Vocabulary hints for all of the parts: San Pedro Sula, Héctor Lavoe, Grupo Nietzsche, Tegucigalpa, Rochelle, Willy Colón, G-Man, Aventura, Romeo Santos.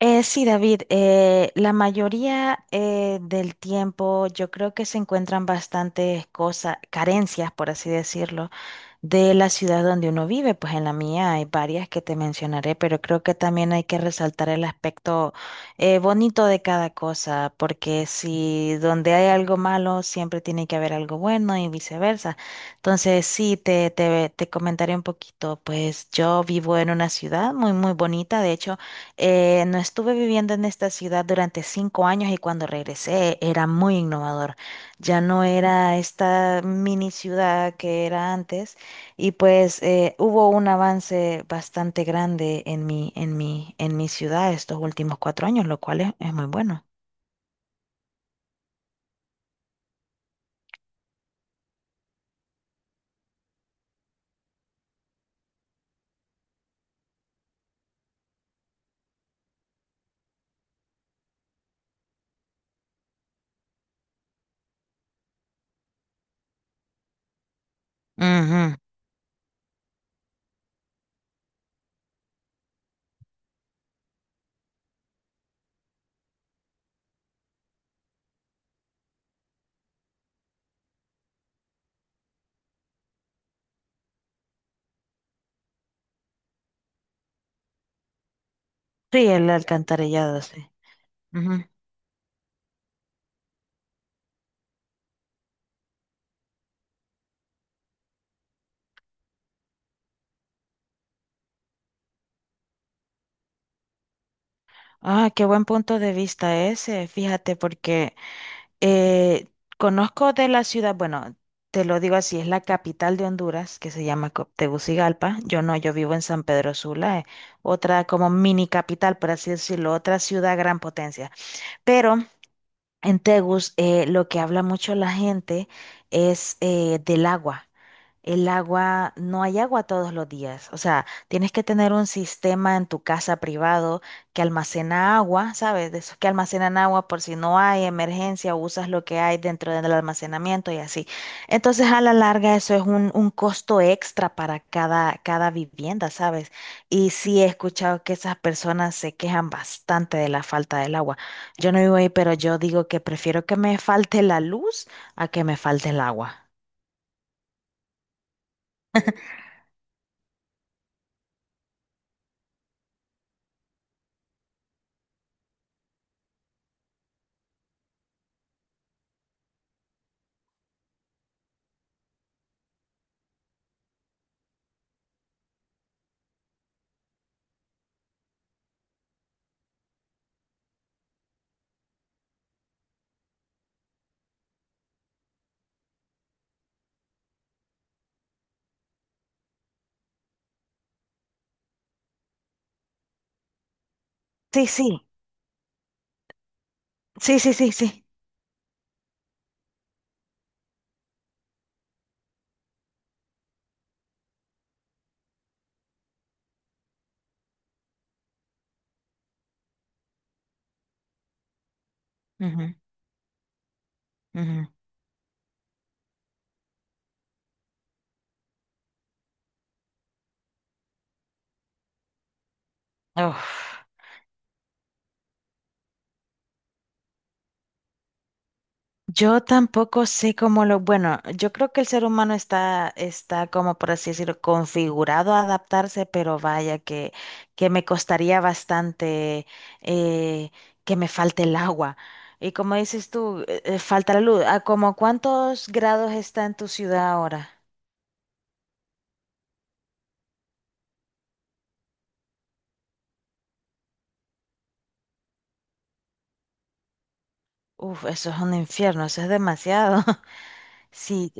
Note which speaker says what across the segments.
Speaker 1: Sí, David, la mayoría del tiempo yo creo que se encuentran bastantes cosas, carencias, por así decirlo de la ciudad donde uno vive. Pues en la mía hay varias que te mencionaré, pero creo que también hay que resaltar el aspecto bonito de cada cosa, porque si donde hay algo malo, siempre tiene que haber algo bueno y viceversa. Entonces, sí, te comentaré un poquito. Pues yo vivo en una ciudad muy, muy bonita. De hecho, no estuve viviendo en esta ciudad durante cinco años y cuando regresé era muy innovador. Ya no era esta mini ciudad que era antes y pues hubo un avance bastante grande en mi ciudad estos últimos cuatro años, lo cual es muy bueno. Ujú. Sí, el alcantarillado, sí. Ujú. Ah, qué buen punto de vista ese, fíjate, porque eh, conozco de la ciudad, bueno, te lo digo así, es la capital de Honduras, que se llama Tegucigalpa. Yo no, yo vivo en San Pedro Sula, otra como mini capital, por así decirlo, otra ciudad gran potencia. Pero en Tegus, lo que habla mucho la gente es del agua. El agua, no hay agua todos los días. O sea, tienes que tener un sistema en tu casa privado que almacena agua, ¿sabes? De esos que almacenan agua por si no hay emergencia, usas lo que hay dentro del almacenamiento y así. Entonces, a la larga, eso es un costo extra para cada, cada vivienda, ¿sabes? Y sí he escuchado que esas personas se quejan bastante de la falta del agua. Yo no vivo ahí, pero yo digo que prefiero que me falte la luz a que me falte el agua. Sí, sí. Sí, sí, sí, sí. Ujú, ujú. Uf. Yo tampoco sé cómo lo... Bueno, yo creo que el ser humano está, está como por así decirlo, configurado a adaptarse, pero vaya que me costaría bastante eh, que me falte el agua. Y como dices tú, falta la luz. ¿A como cuántos grados está en tu ciudad ahora? Uf, eso es un infierno, eso es demasiado. Sí,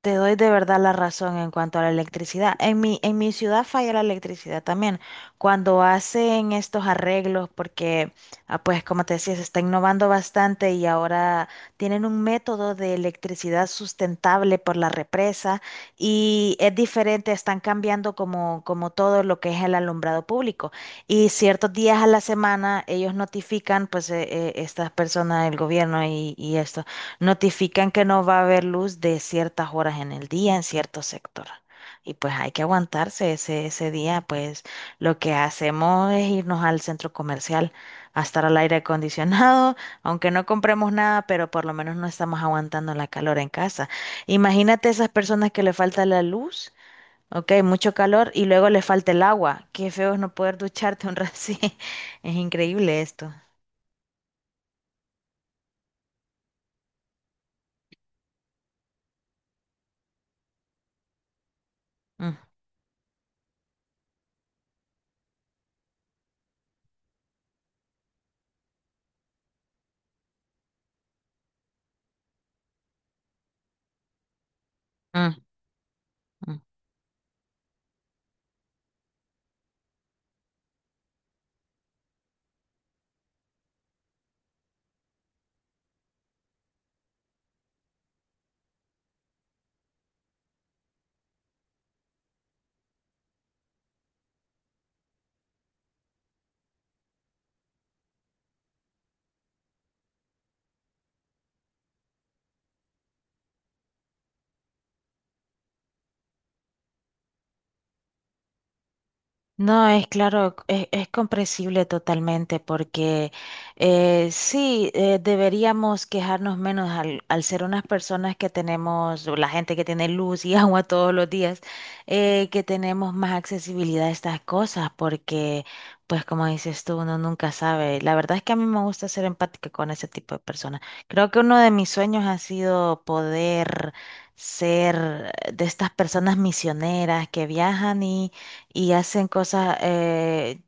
Speaker 1: te doy de verdad la razón en cuanto a la electricidad. En mi ciudad falla la electricidad también. Cuando hacen estos arreglos, porque, ah, pues como te decía, se está innovando bastante y ahora tienen un método de electricidad sustentable por la represa y es diferente, están cambiando como, como todo lo que es el alumbrado público. Y ciertos días a la semana ellos notifican, pues, estas personas, el gobierno y esto. Notifican que no va a haber luz de ciertas horas en el día en cierto sector. Y pues hay que aguantarse ese, ese día, pues lo que hacemos es irnos al centro comercial a estar al aire acondicionado, aunque no compremos nada, pero por lo menos no estamos aguantando la calor en casa. Imagínate esas personas que le falta la luz, ok, mucho calor, y luego le falta el agua. Qué feo es no poder ducharte un rato sí. Es increíble esto. Mm, mm, mm. No, es claro, es comprensible totalmente porque sí, deberíamos quejarnos menos al, al ser unas personas que tenemos, o la gente que tiene luz y agua todos los días, que tenemos más accesibilidad a estas cosas porque, pues como dices tú, uno nunca sabe. La verdad es que a mí me gusta ser empática con ese tipo de personas. Creo que uno de mis sueños ha sido poder ser de estas personas misioneras que viajan y hacen cosas,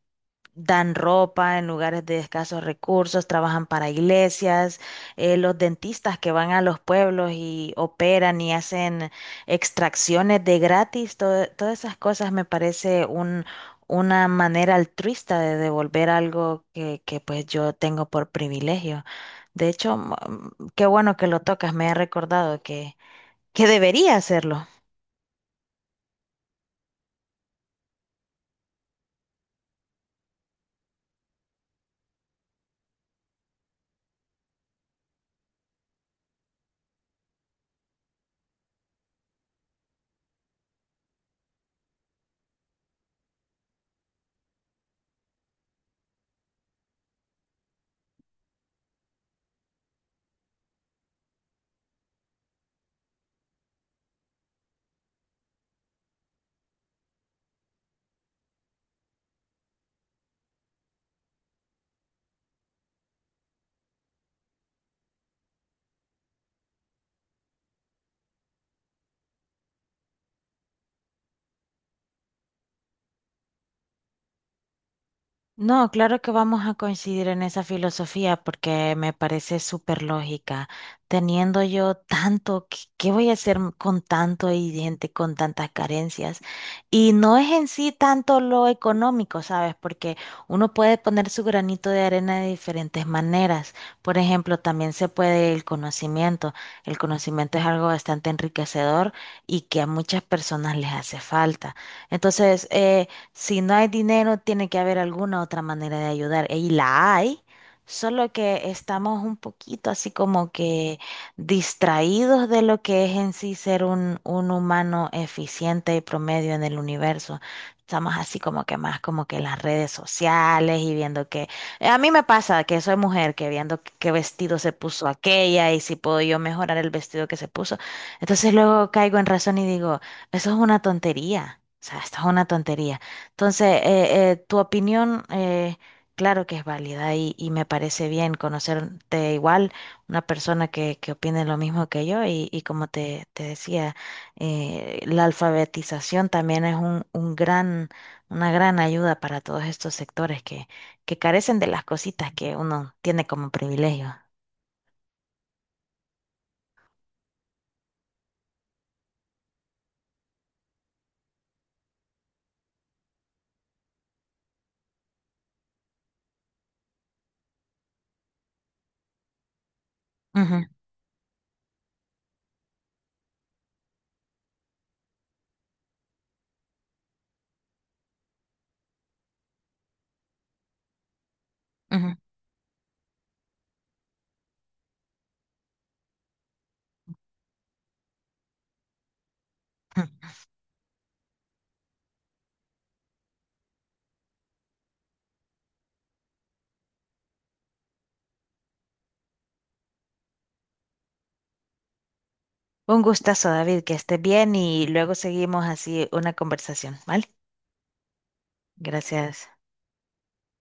Speaker 1: dan ropa en lugares de escasos recursos, trabajan para iglesias, los dentistas que van a los pueblos y operan y hacen extracciones de gratis, todas esas cosas me parece un, una manera altruista de devolver algo que pues yo tengo por privilegio. De hecho, mm, qué bueno que lo tocas, me ha recordado que debería hacerlo. No, claro que vamos a coincidir en esa filosofía porque me parece súper lógica. Teniendo yo tanto, ¿qué, qué voy a hacer con tanto y gente con tantas carencias? Y no es en sí tanto lo económico, ¿sabes? Porque uno puede poner su granito de arena de diferentes maneras. Por ejemplo, también se puede el conocimiento. El conocimiento es algo bastante enriquecedor y que a muchas personas les hace falta. Entonces, si no hay dinero, tiene que haber alguna otra manera de ayudar. Y la hay, solo que estamos un poquito así como que distraídos de lo que es en sí ser un humano eficiente y promedio en el universo. Estamos así como que más como que en las redes sociales y viendo que... a mí me pasa que soy mujer, que viendo qué vestido se puso aquella y si puedo yo mejorar el vestido que se puso. Entonces luego caigo en razón y digo, eso es una tontería. O sea, esto es una tontería. Entonces, tu opinión, claro que es válida y me parece bien conocerte igual, una persona que opine lo mismo que yo y como te decía, la alfabetización también es un gran, una gran ayuda para todos estos sectores que carecen de las cositas que uno tiene como privilegio. Ujú, ujú. Un gustazo, David, que estés bien y luego seguimos así una conversación, ¿vale? Gracias.